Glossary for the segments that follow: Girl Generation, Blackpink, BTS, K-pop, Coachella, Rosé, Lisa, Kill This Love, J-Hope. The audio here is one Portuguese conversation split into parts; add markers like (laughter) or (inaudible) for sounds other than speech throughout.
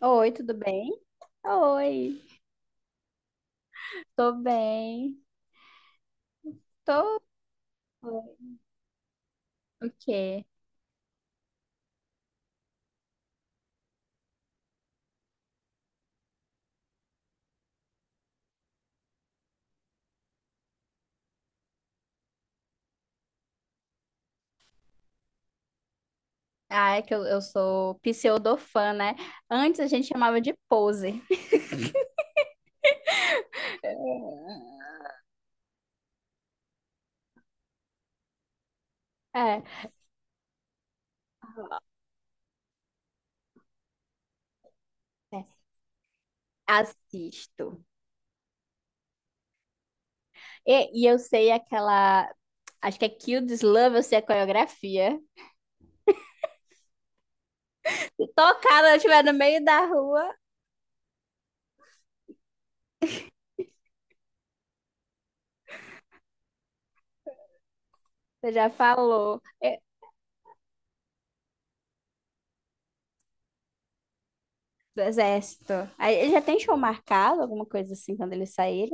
Oi, tudo bem? Oi, tô bem. Tô. O quê? Ah, é que eu sou pseudofã, né? Antes a gente chamava de pose. (laughs) É, é, assisto. E eu sei aquela. Acho que é Kill This Love, eu sei a coreografia. Tocar, eu estiver no meio da rua, você já falou. É, do exército. Aí, ele já tem show marcado, alguma coisa assim, quando ele sair?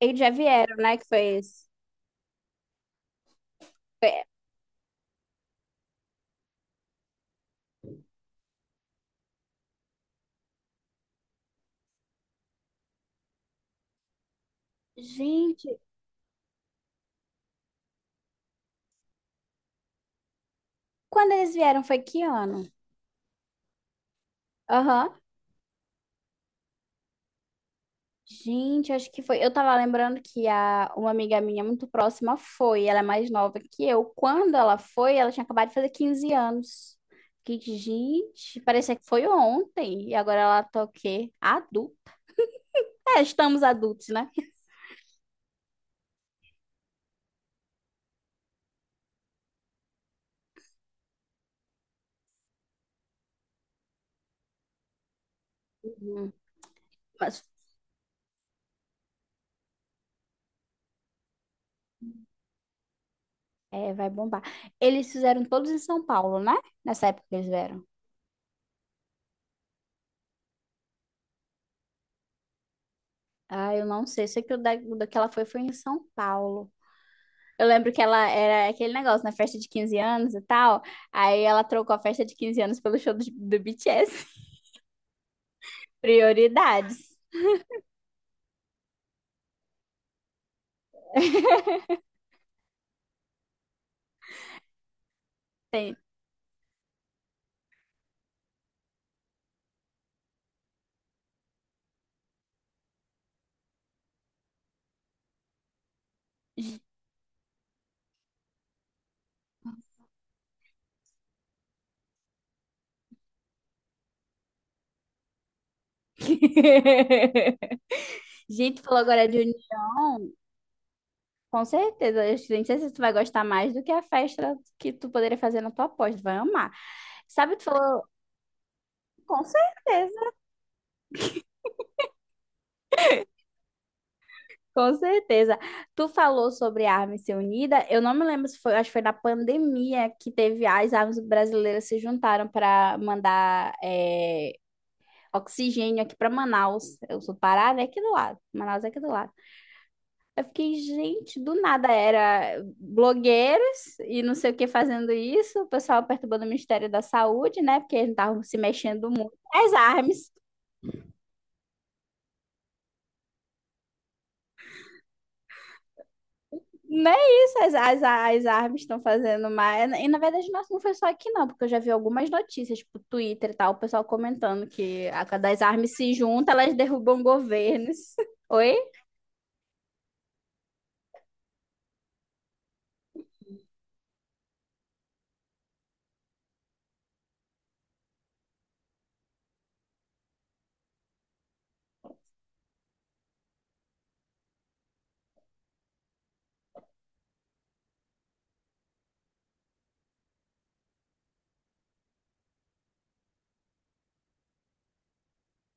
Eles já vieram, né? Que foi esse. Foi- Gente, quando eles vieram foi que ano? Aham. Gente, acho que foi. Eu tava lembrando que a, uma amiga minha muito próxima foi. Ela é mais nova que eu. Quando ela foi, ela tinha acabado de fazer 15 anos. Que, gente, parecia que foi ontem. E agora ela tá o quê? Adulta. É, estamos adultos, né? Hum, Mas é, vai bombar. Eles fizeram todos em São Paulo, né? Nessa época que eles vieram. Ah, eu não sei. Sei que o da que ela foi foi em São Paulo. Eu lembro que ela era aquele negócio na festa de 15 anos e tal. Aí ela trocou a festa de 15 anos pelo show do BTS. (laughs) Prioridades. Tem- (laughs) Gente, falou agora de união. Com certeza, eu nem sei se tu vai gostar mais do que a festa que tu poderia fazer na tua pós. Tu vai amar. Sabe, tu falou. Com certeza. Com certeza. Tu falou sobre a Armas Ser Unida. Eu não me lembro se foi, acho que foi na pandemia que teve as armas brasileiras se juntaram para mandar é, oxigênio aqui para Manaus. Eu sou do Pará, né? Aqui do lado. Manaus é aqui do lado. Eu fiquei, gente, do nada era blogueiros e não sei o que fazendo isso. O pessoal perturbando o Ministério da Saúde, né? Porque eles não estavam se mexendo muito. As armas. Não é isso, as, as árvores estão fazendo mais. E na verdade, nossa, não foi só aqui, não, porque eu já vi algumas notícias, tipo, Twitter e tal, o pessoal comentando que a cada as árvores se juntam, elas derrubam governos. (laughs) Oi?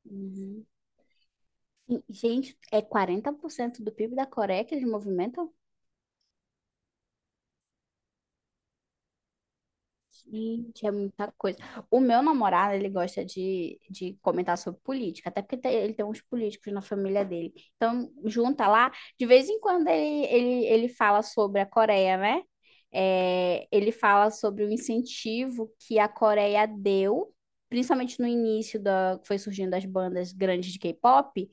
Uhum. E, gente, é 40% do PIB da Coreia que eles movimentam? Gente, é muita coisa. O meu namorado, ele gosta de comentar sobre política, até porque tem- ele tem uns políticos na família dele. Então, junta lá, de vez em quando ele fala sobre a Coreia, né? É, ele fala sobre o incentivo que a Coreia deu, principalmente no início da, que foi surgindo as bandas grandes de K-pop,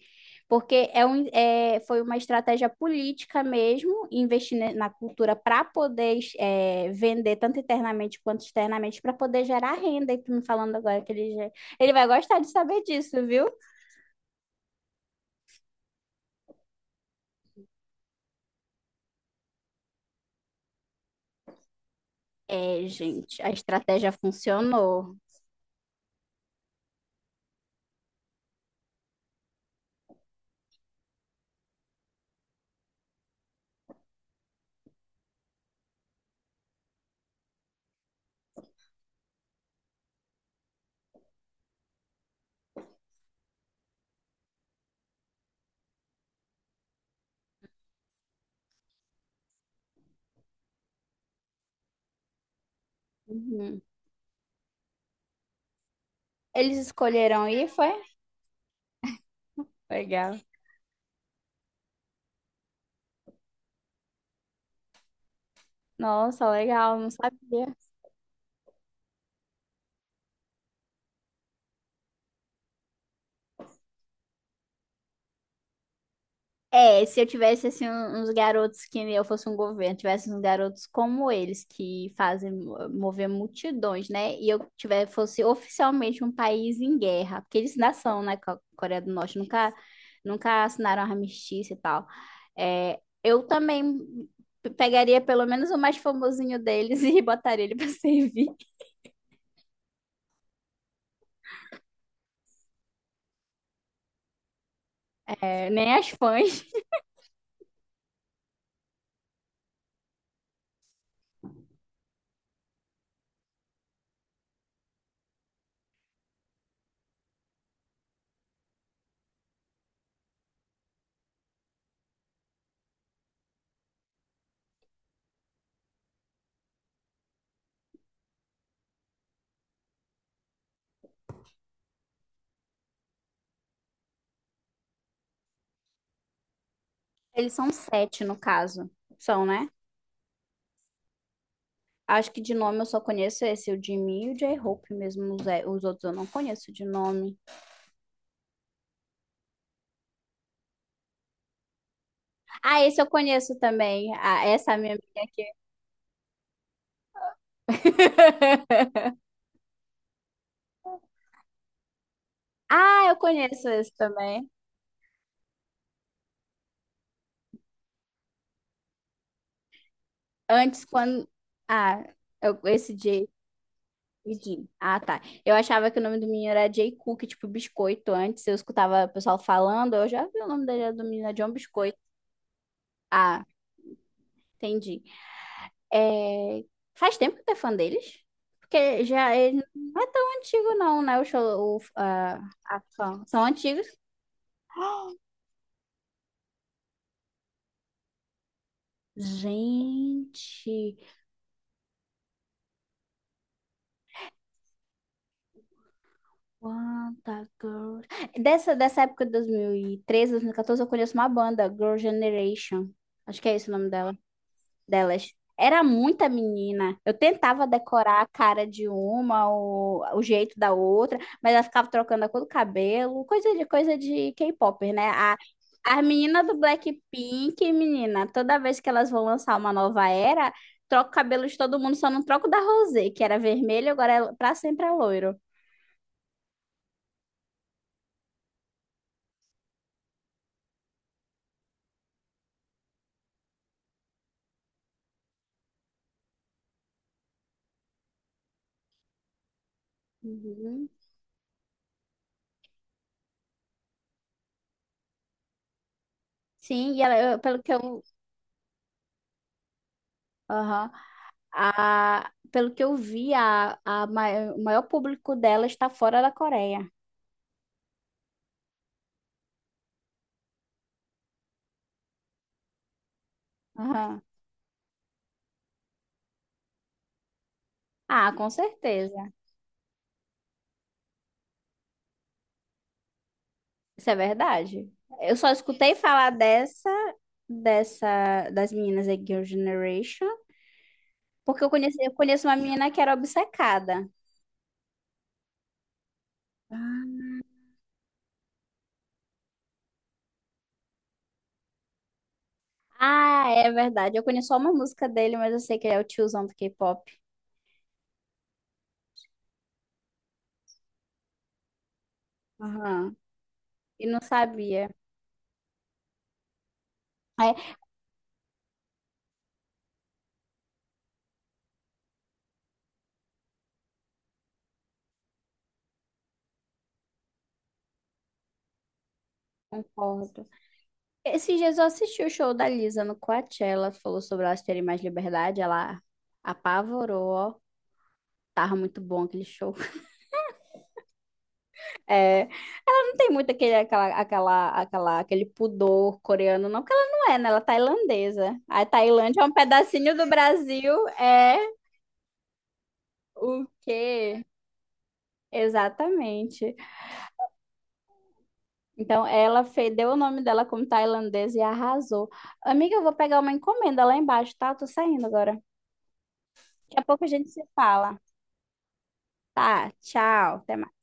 porque é um, é, foi uma estratégia política mesmo, investir ne- na cultura para poder é, vender tanto internamente quanto externamente, para poder gerar renda. E tu me falando agora que ele, já- ele vai gostar de saber disso, viu? É, gente, a estratégia funcionou. Uhum. Eles escolheram ir, foi? Legal. Nossa, legal, não sabia. É, se eu tivesse assim um- uns garotos que eu fosse um governo, tivesse uns garotos como eles que fazem mo- mover multidões, né? E eu tiver fosse oficialmente um país em guerra, porque eles ainda são, né? Co- Coreia do Norte nunca nunca assinaram armistício e tal. É, eu também pe- pegaria pelo menos o mais famosinho deles (laughs) e botaria ele pra (laughs) servir. É, nem as fãs. Eles são sete no caso, são, né? Acho que de nome eu só conheço esse, o Jimmy e o J-Hope mesmo. Os, é, os outros eu não conheço de nome. Ah, esse eu conheço também. Ah, essa minha amiga aqui. (laughs) Ah, eu conheço esse também. Antes, quando. Ah, eu- esse J. e Jim. Ah, tá. Eu achava que o nome do menino era J. Cook, tipo biscoito. Antes eu escutava o pessoal falando, eu já vi o nome dele era do menino, é John Biscoito. Ah, entendi. É, faz tempo que tu é fã deles? Porque já ele não é tão antigo não, né? O show, o, a fã. São antigos. Gente, quanta girl. Dessa época de dois mil e 2014, eu conheço uma banda, Girl Generation. Acho que é esse o nome dela. Delas. Era muita menina. Eu tentava decorar a cara de uma, o jeito da outra, mas ela ficava trocando a cor do cabelo, coisa de K-pop, né? A, as meninas do Blackpink, menina, toda vez que elas vão lançar uma nova era, troca o cabelo de todo mundo, só não troco da Rosé, que era vermelho, agora é pra sempre é loiro. Uhum. Sim, e ela, eu- pelo que eu, aham. A, pelo que eu vi, a mai- o maior público dela está fora da Coreia. Aham. Ah, com certeza. Isso é verdade. Eu só escutei falar dessa, dessa, das meninas da Girl Generation, porque eu conheci, eu conheço uma menina que era obcecada. Ah, é verdade. Eu conheço só uma música dele, mas eu sei que ele é o tiozão do K-pop. Aham. E não sabia. É, concordo. Esses dias eu assisti o show da Lisa no Coachella, falou sobre elas terem mais liberdade, ela apavorou, ó. Tava muito bom aquele show. É, ela não tem muito aquele, aquela, aquele pudor coreano, não, porque ela não é, né? Ela é tailandesa. A Tailândia é um pedacinho do Brasil, é o quê? Exatamente. Então, ela fe- deu o nome dela como tailandesa e arrasou. Amiga, eu vou pegar uma encomenda lá embaixo, tá? Eu tô saindo agora. Daqui a pouco a gente se fala. Tá, tchau. Até